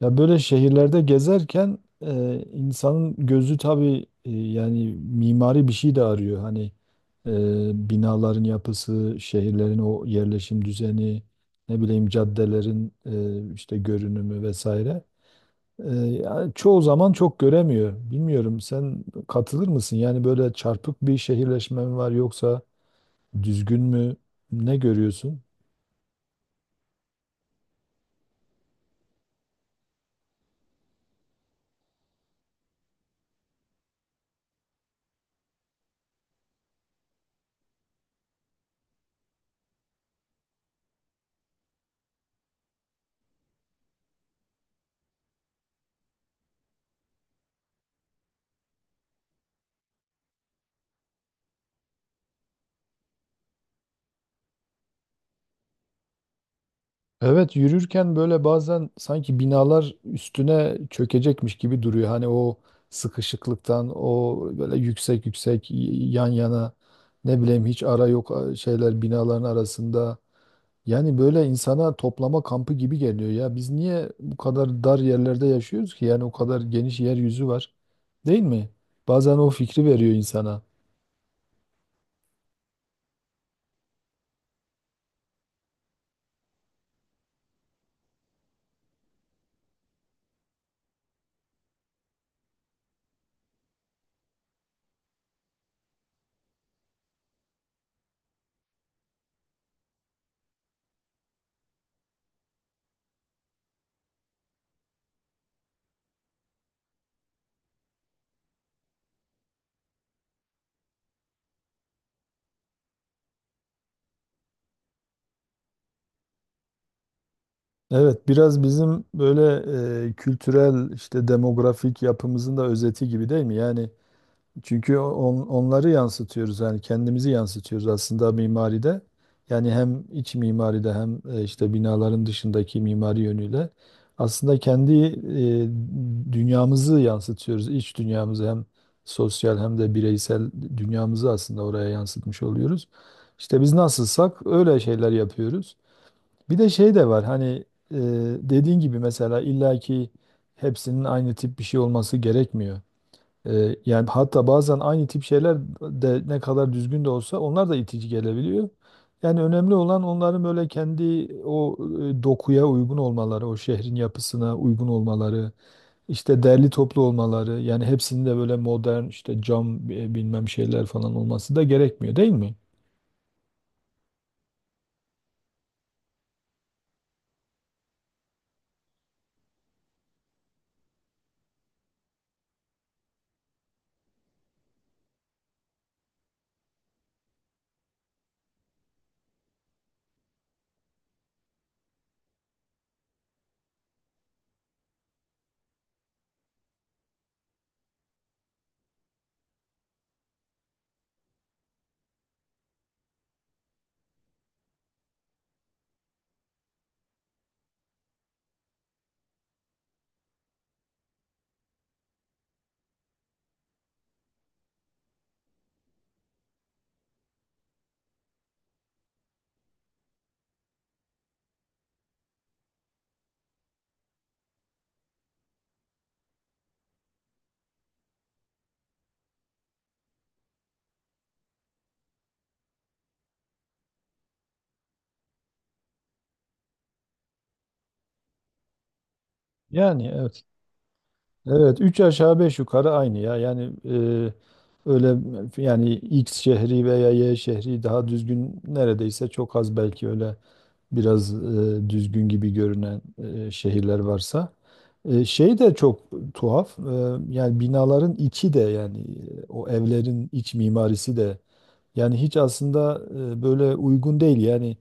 Ya böyle şehirlerde gezerken insanın gözü tabii yani mimari bir şey de arıyor. Hani binaların yapısı, şehirlerin o yerleşim düzeni, ne bileyim caddelerin işte görünümü vesaire. Yani çoğu zaman çok göremiyor. Bilmiyorum sen katılır mısın? Yani böyle çarpık bir şehirleşme mi var yoksa düzgün mü? Ne görüyorsun? Evet, yürürken böyle bazen sanki binalar üstüne çökecekmiş gibi duruyor. Hani o sıkışıklıktan, o böyle yüksek yüksek yan yana ne bileyim hiç ara yok şeyler binaların arasında. Yani böyle insana toplama kampı gibi geliyor ya. Biz niye bu kadar dar yerlerde yaşıyoruz ki? Yani o kadar geniş yeryüzü var. Değil mi? Bazen o fikri veriyor insana. Evet, biraz bizim böyle kültürel işte demografik yapımızın da özeti gibi değil mi? Yani çünkü onları yansıtıyoruz, yani kendimizi yansıtıyoruz aslında mimaride. Yani hem iç mimaride hem işte binaların dışındaki mimari yönüyle aslında kendi dünyamızı yansıtıyoruz. İç dünyamızı hem sosyal hem de bireysel dünyamızı aslında oraya yansıtmış oluyoruz. İşte biz nasılsak öyle şeyler yapıyoruz. Bir de şey de var hani e, dediğin gibi mesela illaki hepsinin aynı tip bir şey olması gerekmiyor. Yani hatta bazen aynı tip şeyler de ne kadar düzgün de olsa onlar da itici gelebiliyor. Yani önemli olan onların böyle kendi o dokuya uygun olmaları, o şehrin yapısına uygun olmaları, işte derli toplu olmaları. Yani hepsinin de böyle modern işte cam bilmem şeyler falan olması da gerekmiyor, değil mi? Yani evet. Evet, 3 aşağı 5 yukarı aynı ya. Yani öyle, yani X şehri veya Y şehri daha düzgün neredeyse, çok az belki öyle biraz düzgün gibi görünen şehirler varsa. Şey de çok tuhaf. Yani binaların içi de, yani o evlerin iç mimarisi de yani hiç aslında böyle uygun değil. Yani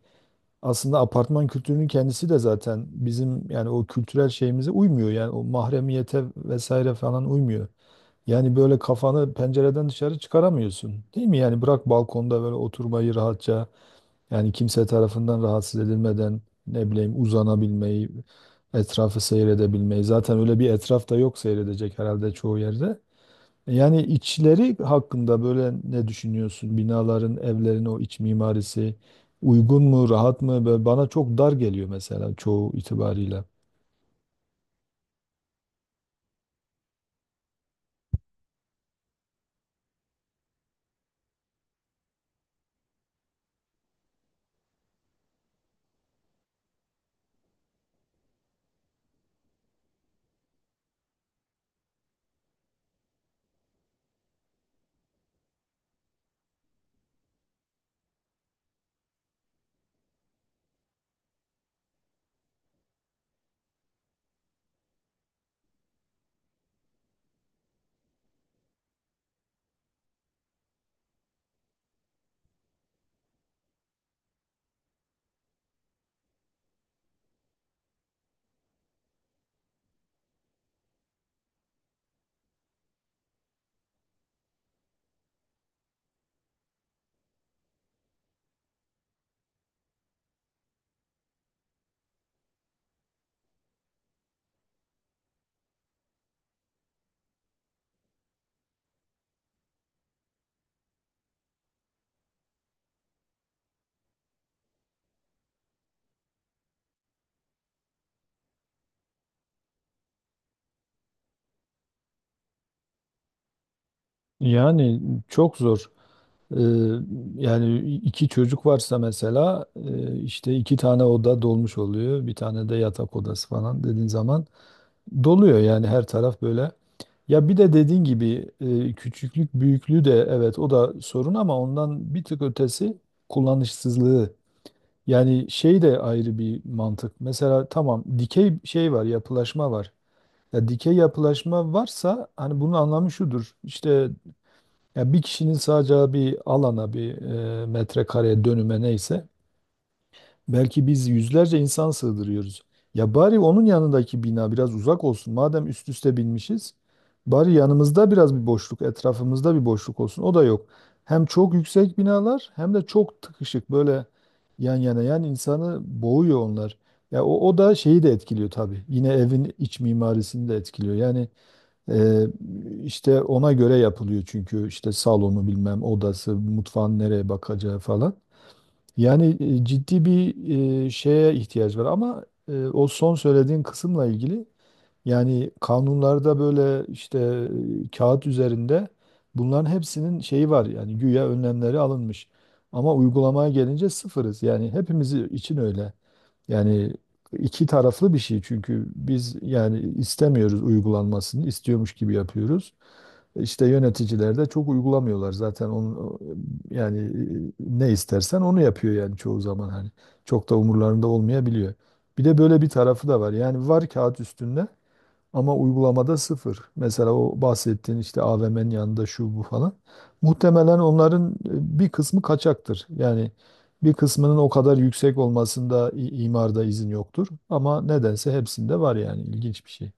aslında apartman kültürünün kendisi de zaten bizim, yani o kültürel şeyimize uymuyor. Yani o mahremiyete vesaire falan uymuyor. Yani böyle kafanı pencereden dışarı çıkaramıyorsun. Değil mi? Yani bırak balkonda böyle oturmayı rahatça, yani kimse tarafından rahatsız edilmeden ne bileyim uzanabilmeyi, etrafı seyredebilmeyi. Zaten öyle bir etraf da yok seyredecek herhalde çoğu yerde. Yani içleri hakkında böyle ne düşünüyorsun? Binaların, evlerin o iç mimarisi uygun mu, rahat mı? Böyle bana çok dar geliyor mesela çoğu itibariyle. Yani çok zor. Ee, Yani iki çocuk varsa mesela işte iki tane oda dolmuş oluyor. Bir tane de yatak odası falan dediğin zaman doluyor yani her taraf böyle. Ya bir de dediğin gibi küçüklük büyüklüğü de evet o da sorun ama ondan bir tık ötesi kullanışsızlığı. Yani şey de ayrı bir mantık. Mesela tamam, dikey şey var, yapılaşma var. Ya dikey yapılaşma varsa hani bunun anlamı şudur. İşte ya bir kişinin sadece bir alana, bir metrekareye, dönüme neyse belki biz yüzlerce insan sığdırıyoruz. Ya bari onun yanındaki bina biraz uzak olsun. Madem üst üste binmişiz, bari yanımızda biraz bir boşluk, etrafımızda bir boşluk olsun. O da yok. Hem çok yüksek binalar hem de çok tıkışık böyle yan yana yan, insanı boğuyor onlar. Ya o, o da şeyi de etkiliyor tabii. Yine evin iç mimarisini de etkiliyor. Yani e, işte ona göre yapılıyor çünkü işte salonu bilmem odası, mutfağın nereye bakacağı falan. Yani ciddi bir şeye ihtiyaç var ama o son söylediğin kısımla ilgili yani kanunlarda böyle işte kağıt üzerinde bunların hepsinin şeyi var, yani güya önlemleri alınmış. Ama uygulamaya gelince sıfırız. Yani hepimiz için öyle. Yani iki taraflı bir şey çünkü biz yani istemiyoruz uygulanmasını, istiyormuş gibi yapıyoruz. İşte yöneticiler de çok uygulamıyorlar zaten onu, yani ne istersen onu yapıyor yani çoğu zaman hani çok da umurlarında olmayabiliyor. Bir de böyle bir tarafı da var. Yani var kağıt üstünde ama uygulamada sıfır. Mesela o bahsettiğin işte AVM'nin yanında şu bu falan. Muhtemelen onların bir kısmı kaçaktır. Yani bir kısmının o kadar yüksek olmasında imarda izin yoktur. Ama nedense hepsinde var yani, ilginç bir şey.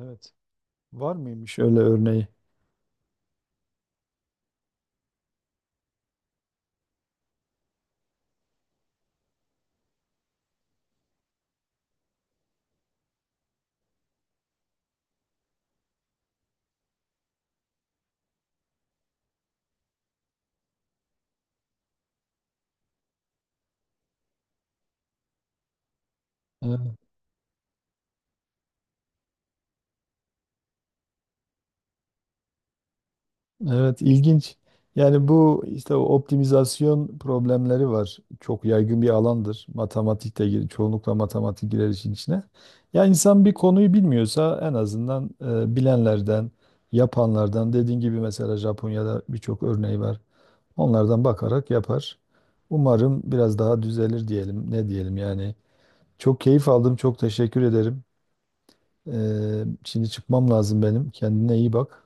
Evet. Var mıymış öyle örneği? Evet, ilginç. Yani bu işte o optimizasyon problemleri var. Çok yaygın bir alandır. Matematik de çoğunlukla matematik girer işin içine. Ya insan bir konuyu bilmiyorsa en azından bilenlerden, yapanlardan, dediğin gibi mesela Japonya'da birçok örneği var. Onlardan bakarak yapar. Umarım biraz daha düzelir diyelim. Ne diyelim yani. Çok keyif aldım. Çok teşekkür ederim. Şimdi çıkmam lazım benim. Kendine iyi bak.